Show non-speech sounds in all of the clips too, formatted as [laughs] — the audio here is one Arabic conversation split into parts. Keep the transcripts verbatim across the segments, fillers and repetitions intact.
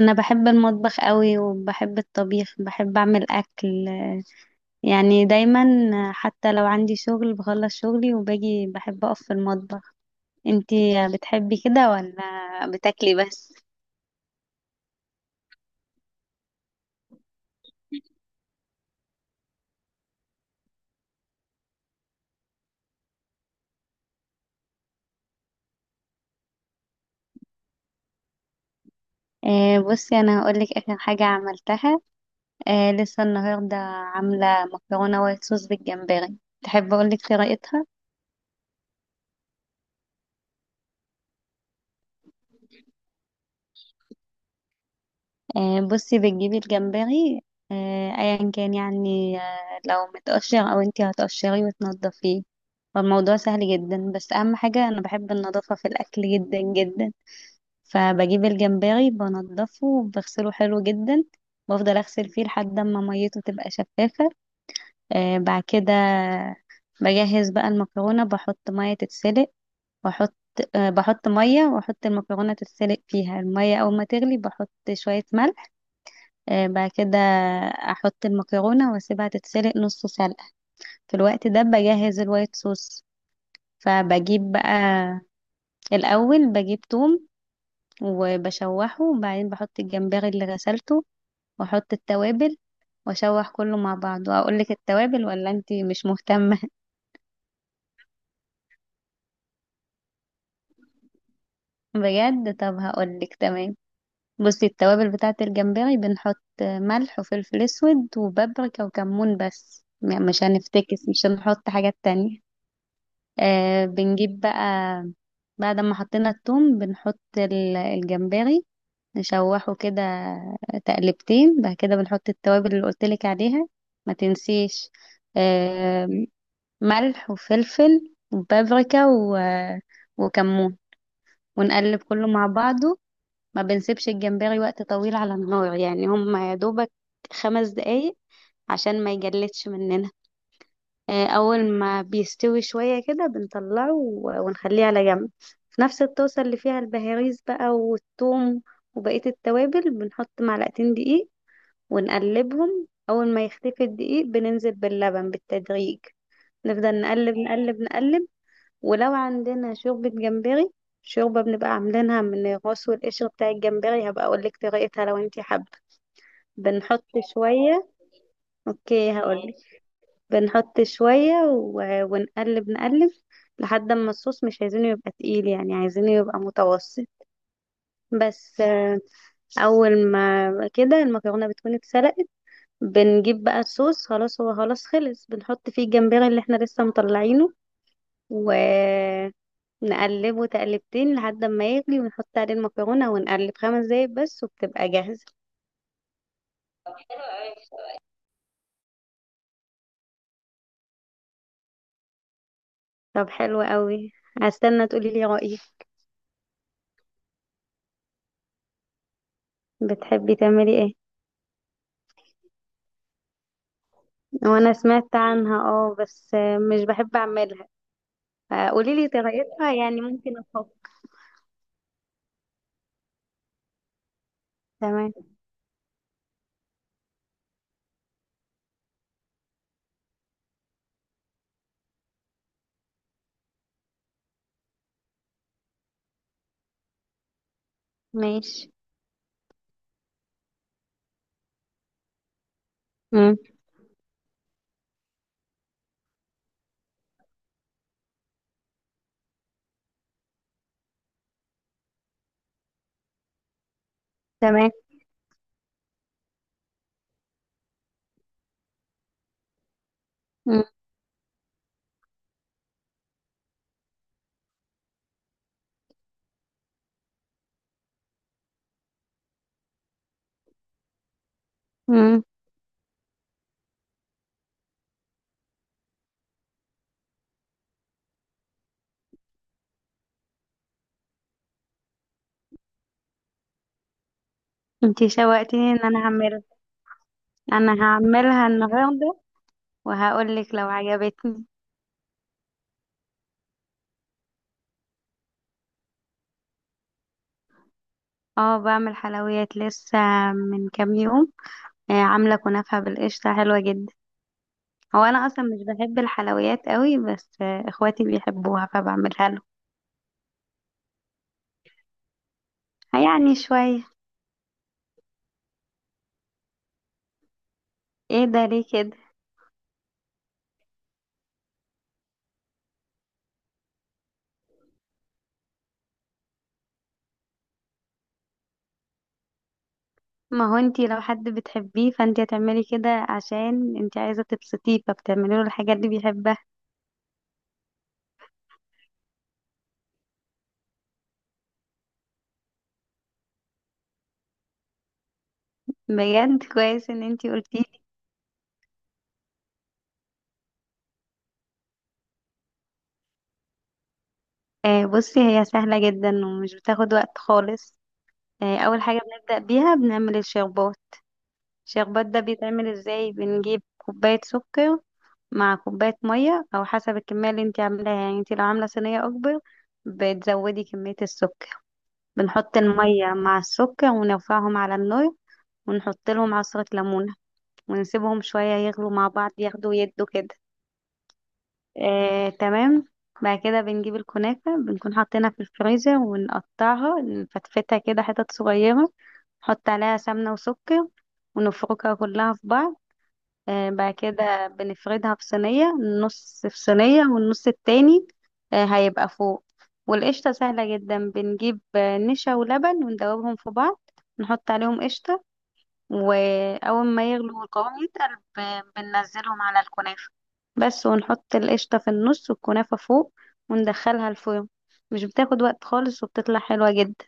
انا بحب المطبخ قوي، وبحب الطبيخ، بحب اعمل اكل يعني دايما. حتى لو عندي شغل بخلص شغلي وباجي بحب اقف في المطبخ. انتي بتحبي كده ولا بتاكلي بس؟ آه بصي، انا هقولك اخر حاجة عملتها. آه، لسه النهاردة عاملة مكرونة وايت صوص بالجمبري. تحب اقولك طريقتها؟ آه، بصي بتجيبي الجمبري. آه، ايا كان يعني، آه، لو متقشر او انتي هتقشريه وتنضفيه. فالموضوع سهل جدا، بس اهم حاجة انا بحب النظافة في الاكل جدا جدا. فبجيب الجمبري بنضفه وبغسله حلو جدا. بفضل اغسل فيه لحد ما ميته تبقى شفافة. آه، بعد كده بجهز بقى المكرونة، بحط مية تتسلق. واحط آه، بحط مية واحط المكرونة تتسلق فيها. المية اول ما تغلي بحط شوية ملح. آه، بعد كده احط المكرونه واسيبها تتسلق نص سلقه. في الوقت ده بجهز الوايت صوص. فبجيب بقى الاول بجيب توم وبشوحه، وبعدين بحط الجمبري اللي غسلته واحط التوابل واشوح كله مع بعض. واقول لك التوابل ولا انتي مش مهتمه؟ [laughs] بجد؟ طب هقول لك، تمام. بصي، التوابل بتاعه الجمبري بنحط ملح وفلفل اسود وبابريكا وكمون بس. م- مش هنفتكس، مش هنحط حاجات تانية. آه، بنجيب بقى، بعد ما حطينا الثوم بنحط ال- الجمبري. نشوحه كده تقلبتين، بعد كده بنحط التوابل اللي قلتلك عليها، ما تنسيش. آه، ملح وفلفل وبابريكا و... وكمون. ونقلب كله مع بعضه. ما بنسيبش الجمبري وقت طويل على النار، يعني هم يا دوبك خمس دقايق عشان ما يجلدش مننا. آه، اول ما بيستوي شوية كده بنطلعه و- ونخليه على جنب. في نفس الطاسة اللي فيها البهاريز بقى والثوم وبقية التوابل بنحط معلقتين دقيق. ونقلبهم، اول ما يختفي الدقيق بننزل باللبن بالتدريج. نفضل نقلب نقلب نقلب. ولو عندنا شوربة جمبري، شوربة بنبقى عاملينها من الراس والقشر بتاع الجمبري، هبقى اقولك طريقتها لو انتي حابة. بنحط شوية. اوكي، هقولك. بنحط شوية و- ونقلب نقلب لحد ما الصوص، مش عايزينه يبقى تقيل، يعني عايزينه يبقى متوسط. بس آه، أول ما كده المكرونة بتكون اتسلقت. بنجيب بقى الصوص، خلاص هو خلاص خلص، بنحط فيه الجمبري اللي احنا لسه مطلعينه ونقلبه تقلبتين لحد ما يغلي، ونحط عليه المكرونة ونقلب خمس دقايق بس وبتبقى جاهزة. طب حلو قوي، هستنى تقولي لي رأيك. بتحبي تعملي ايه؟ وانا سمعت عنها، اه، بس آه، مش بحب اعملها. قولي لي طريقتها يعني ممكن افكر. تمام. ماشي. مم. تمام. مم. مم. انتي شوقتيني ان انا اعملها، انا هعملها النهارده وهقول لك لو عجبتني. اه، بعمل حلويات. لسه من كام يوم آه، عامله كنافه بالقشطه حلوه جدا. هو انا اصلا مش بحب الحلويات قوي، بس آه، اخواتي بيحبوها فبعملها لهم. يعني شويه. ايه ده، ليه كده؟ ما هو انتي لو حد بتحبيه فانتي هتعملي كده، عشان انتي عايزة تبسطيه فبتعملي له الحاجات اللي بيحبها. [laughs] بجد كويس ان انتي قلتيه. آه بصي، هي سهلة جدا ومش بتاخد وقت خالص. آه، اول حاجة بنبدأ بيها بنعمل الشربات. الشربات ده بيتعمل ازاي؟ بنجيب كوباية سكر مع كوباية مية، او حسب الكمية اللي انتي عاملاها. يعني انتي لو عاملة صينية اكبر بتزودي كمية السكر. بنحط المية مع السكر ونرفعهم على النار، ونحط لهم عصرة ليمون ونسيبهم شوية يغلوا مع بعض، ياخدوا يدوا كده. آه، تمام. بعد كده بنجيب الكنافة، بنكون حاطينها في الفريزر، ونقطعها نفتفتها كده حتت صغيرة. نحط عليها سمنة وسكر ونفركها كلها في بعض. آه، بعد كده بنفردها في صينية. نص في صينية، والنص التاني آه، هيبقى فوق. والقشطة سهلة جدا، بنجيب آه، نشا ولبن وندوبهم في بعض. نحط عليهم قشطة، واول ما يغلو والقوام يتقل ب- بننزلهم على الكنافة بس، ونحط القشطة في النص والكنافة فوق، وندخلها الفرن. مش بتاخد وقت خالص وبتطلع حلوة جدا.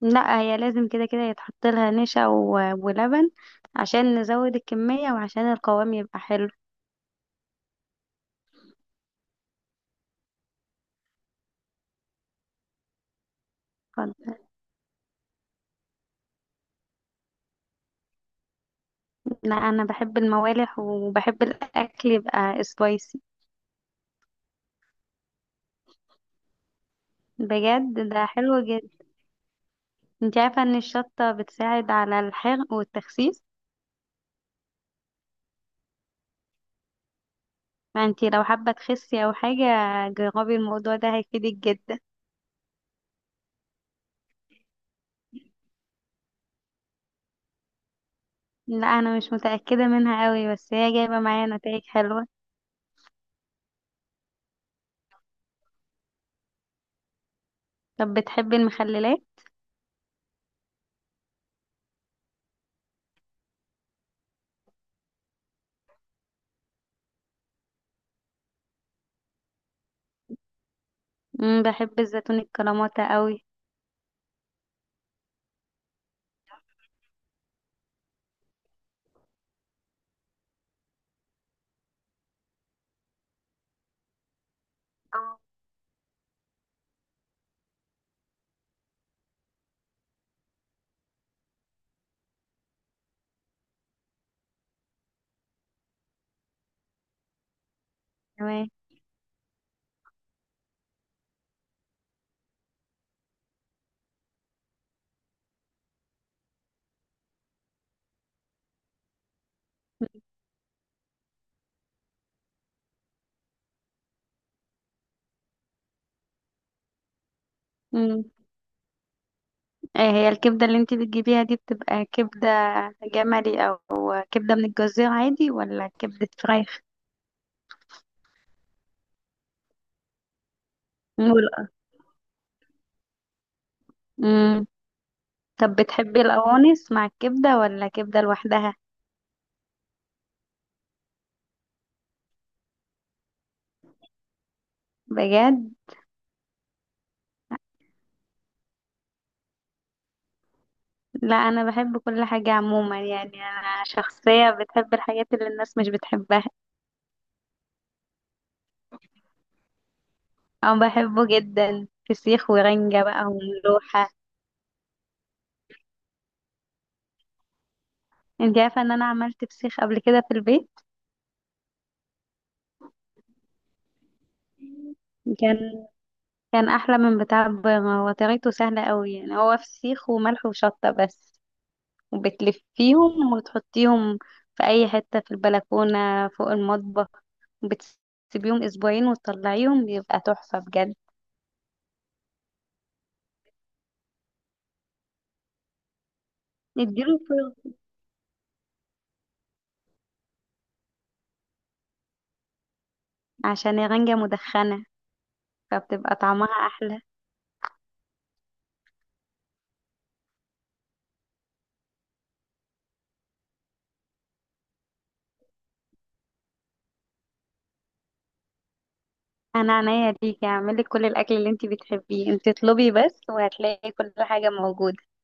لا، هي لازم كده كده يتحط لها نشا و- ولبن، عشان نزود الكمية وعشان القوام يبقى حلو. ف- لا، انا بحب الموالح وبحب الاكل يبقى سبايسي. بجد ده حلو جدا، انت عارفة ان الشطة بتساعد على الحرق والتخسيس؟ ما انتي لو حابة تخسي او حاجة جربي الموضوع ده، هيفيدك جدا. لا، انا مش متأكدة منها قوي، بس هي جايبة معايا نتائج حلوة. طب بتحبي المخللات؟ امم بحب الزيتون الكلاماتا قوي. اه. تمام. امم. ايه هي الكبدة اللي انتي بتجيبيها دي؟ بتبقى كبدة جملي، او كبدة من الجزيرة عادي، ولا كبدة فراخ؟ امم. طب بتحبي القوانص مع الكبدة ولا كبدة لوحدها؟ بجد؟ لا، انا بحب كل حاجة عموما، يعني انا شخصية بتحب الحاجات اللي الناس مش بتحبها. او بحبه جدا، فسيخ ورنجة بقى وملوحة. انت عارفة ان انا عملت فسيخ قبل كده في البيت؟ كان كان احلى من بتاع البره. هو طريقته سهلة قوي، يعني هو فسيخ وملح وشطة بس. وبتلفيهم وتحطيهم في اي حتة في البلكونة فوق المطبخ، وبتسيبيهم اسبوعين وتطلعيهم بيبقى تحفة بجد. اديله فرن. عشان الرنجة مدخنة فبتبقى طعمها احلى. انا عينيا ليكي، هعملك كل الاكل اللي انتي بتحبيه، انتي اطلبي بس وهتلاقي كل حاجة موجودة.